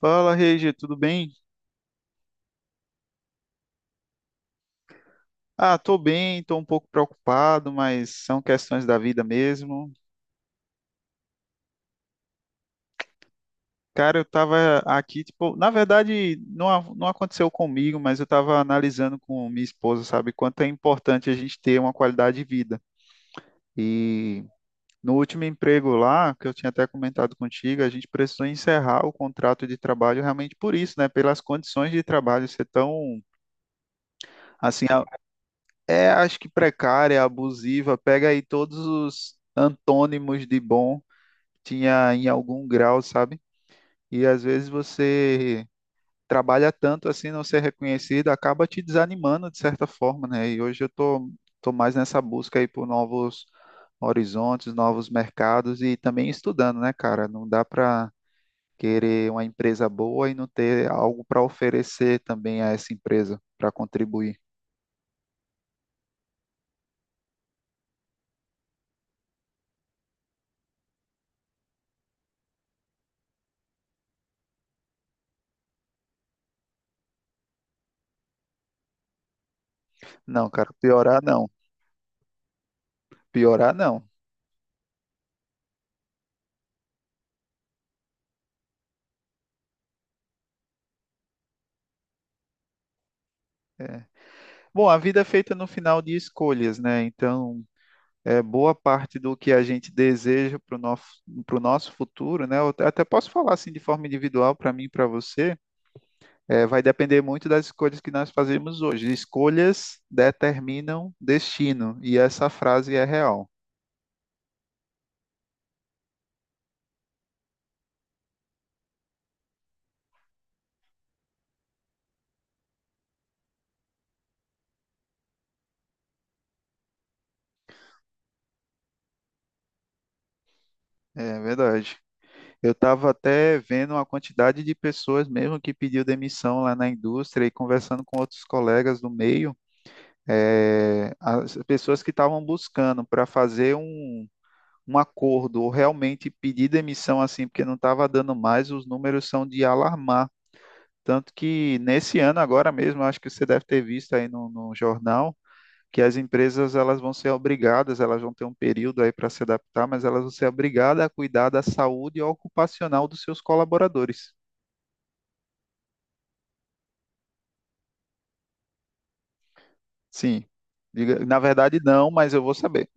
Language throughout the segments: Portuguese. Fala, Regi, tudo bem? Ah, tô bem, tô um pouco preocupado, mas são questões da vida mesmo. Cara, eu tava aqui, tipo, na verdade, não, não aconteceu comigo, mas eu tava analisando com minha esposa, sabe, quanto é importante a gente ter uma qualidade de vida. E no último emprego lá, que eu tinha até comentado contigo, a gente precisou encerrar o contrato de trabalho realmente por isso, né? Pelas condições de trabalho ser tão, assim, é, acho que precária, abusiva, pega aí todos os antônimos de bom, tinha em algum grau, sabe? E às vezes você trabalha tanto assim, não ser reconhecido, acaba te desanimando de certa forma, né? E hoje eu tô, tô mais nessa busca aí por novos horizontes, novos mercados e também estudando, né, cara? Não dá para querer uma empresa boa e não ter algo para oferecer também a essa empresa, para contribuir. Não, cara, piorar não. Piorar não. Bom, a vida é feita no final de escolhas, né? Então, é boa parte do que a gente deseja para o nosso, para nosso futuro, né? Eu até posso falar assim de forma individual para mim e para você, é, vai depender muito das escolhas que nós fazemos hoje. Escolhas determinam destino, e essa frase é real. É verdade. Eu estava até vendo a quantidade de pessoas mesmo que pediu demissão lá na indústria e conversando com outros colegas do meio. É, as pessoas que estavam buscando para fazer um, um acordo ou realmente pedir demissão assim, porque não estava dando mais, os números são de alarmar. Tanto que nesse ano agora mesmo, acho que você deve ter visto aí no jornal, que as empresas elas vão ser obrigadas, elas vão ter um período aí para se adaptar, mas elas vão ser obrigadas a cuidar da saúde ocupacional dos seus colaboradores. Sim, na verdade não, mas eu vou saber.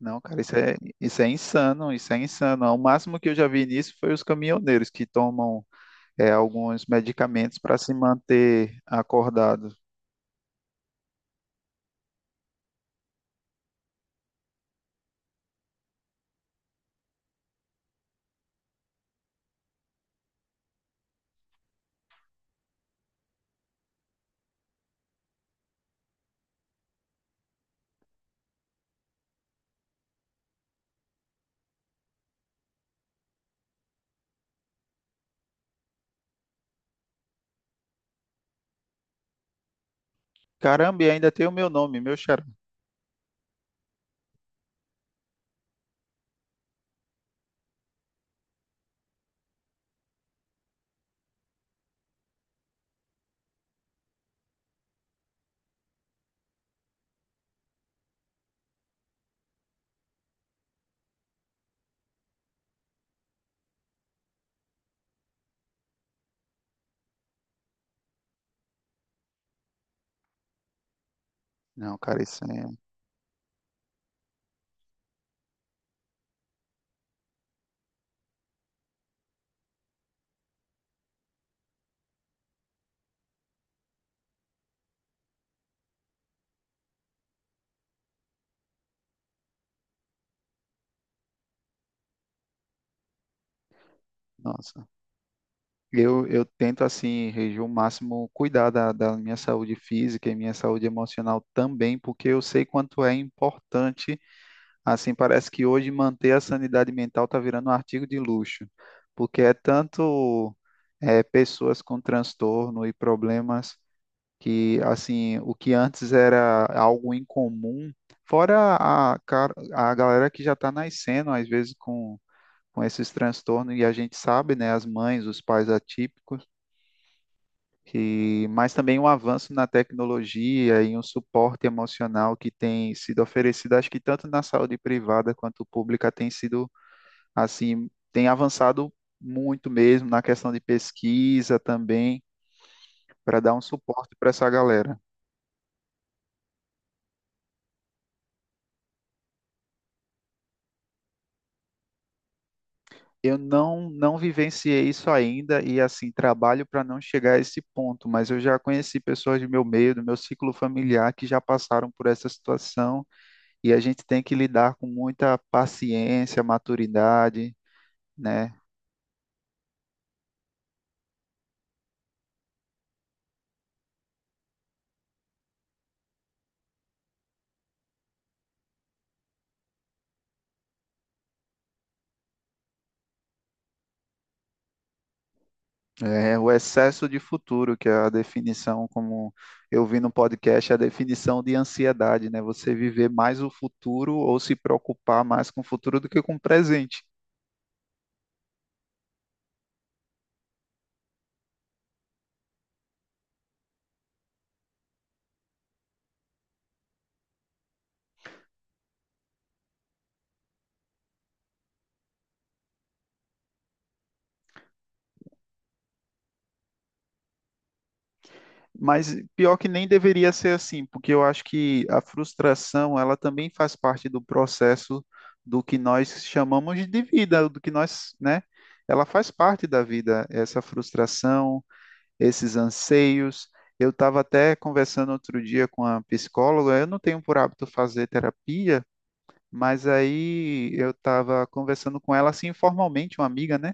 Não, cara, isso é insano, isso é insano. O máximo que eu já vi nisso foi os caminhoneiros que tomam é, alguns medicamentos para se manter acordado. Caramba, e ainda tem o meu nome, meu xará. Não, cara, isso é. Nossa. Eu tento, assim, reger o máximo, cuidar da minha saúde física e minha saúde emocional também, porque eu sei quanto é importante. Assim, parece que hoje manter a sanidade mental está virando um artigo de luxo, porque é tanto é, pessoas com transtorno e problemas que, assim, o que antes era algo incomum, fora a, a galera que já está nascendo, às vezes, com esses transtornos, e a gente sabe, né, as mães, os pais atípicos e mas também um avanço na tecnologia e um suporte emocional que tem sido oferecido, acho que tanto na saúde privada quanto pública tem sido assim, tem avançado muito mesmo na questão de pesquisa também, para dar um suporte para essa galera. Eu não vivenciei isso ainda e assim trabalho para não chegar a esse ponto, mas eu já conheci pessoas do meu meio, do meu ciclo familiar que já passaram por essa situação e a gente tem que lidar com muita paciência, maturidade, né? É, o excesso de futuro, que é a definição, como eu vi no podcast, é a definição de ansiedade, né? Você viver mais o futuro ou se preocupar mais com o futuro do que com o presente. Mas pior que nem deveria ser assim, porque eu acho que a frustração, ela também faz parte do processo do que nós chamamos de vida, do que nós, né? Ela faz parte da vida, essa frustração, esses anseios. Eu estava até conversando outro dia com a psicóloga, eu não tenho por hábito fazer terapia, mas aí eu estava conversando com ela assim informalmente, uma amiga, né?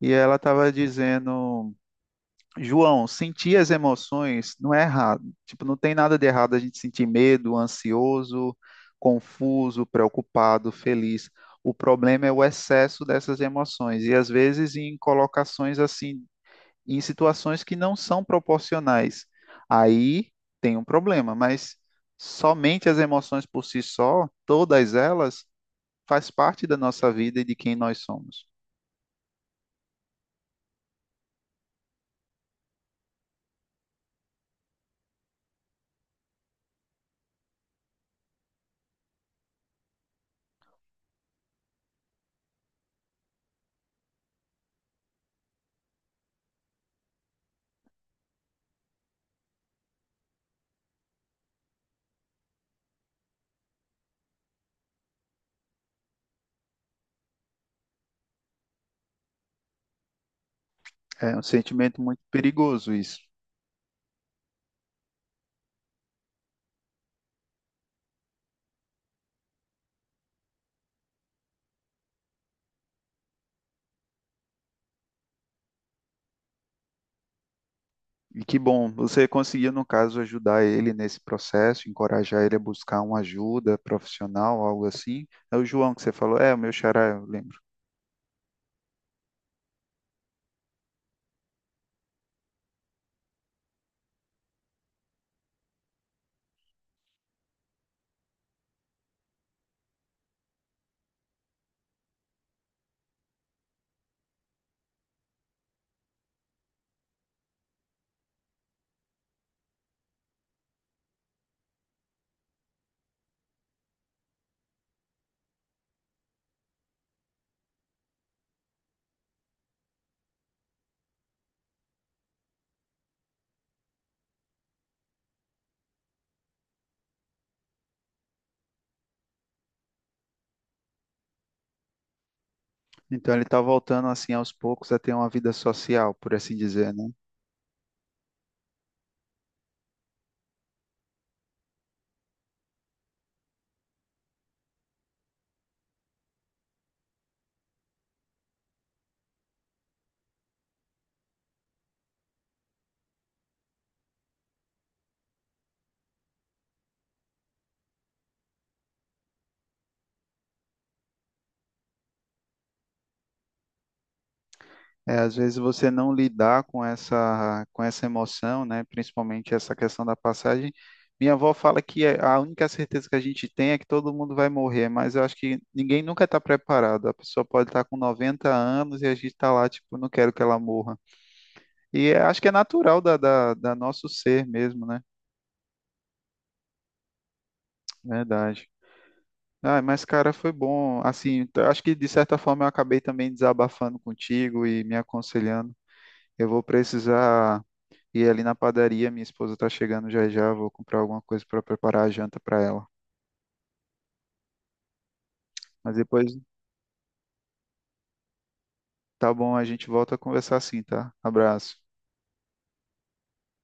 E ela estava dizendo, João, sentir as emoções não é errado. Tipo, não tem nada de errado a gente sentir medo, ansioso, confuso, preocupado, feliz. O problema é o excesso dessas emoções e às vezes em colocações assim em situações que não são proporcionais. Aí tem um problema, mas somente as emoções por si só, todas elas, faz parte da nossa vida e de quem nós somos. É um sentimento muito perigoso isso. E que bom, você conseguiu, no caso, ajudar ele nesse processo, encorajar ele a buscar uma ajuda profissional, algo assim. É o João que você falou, é, o meu xará, eu lembro. Então ele está voltando, assim, aos poucos a ter uma vida social, por assim dizer, né? É, às vezes você não lidar com essa emoção, né? Principalmente essa questão da passagem. Minha avó fala que a única certeza que a gente tem é que todo mundo vai morrer, mas eu acho que ninguém nunca está preparado. A pessoa pode estar com 90 anos e a gente está lá, tipo, não quero que ela morra. E acho que é natural da nosso ser mesmo, né? Verdade. Ah, mas cara, foi bom. Assim, acho que de certa forma eu acabei também desabafando contigo e me aconselhando. Eu vou precisar. E ali na padaria, minha esposa tá chegando já já, vou comprar alguma coisa para preparar a janta para ela. Mas depois, tá bom, a gente volta a conversar assim, tá? Abraço.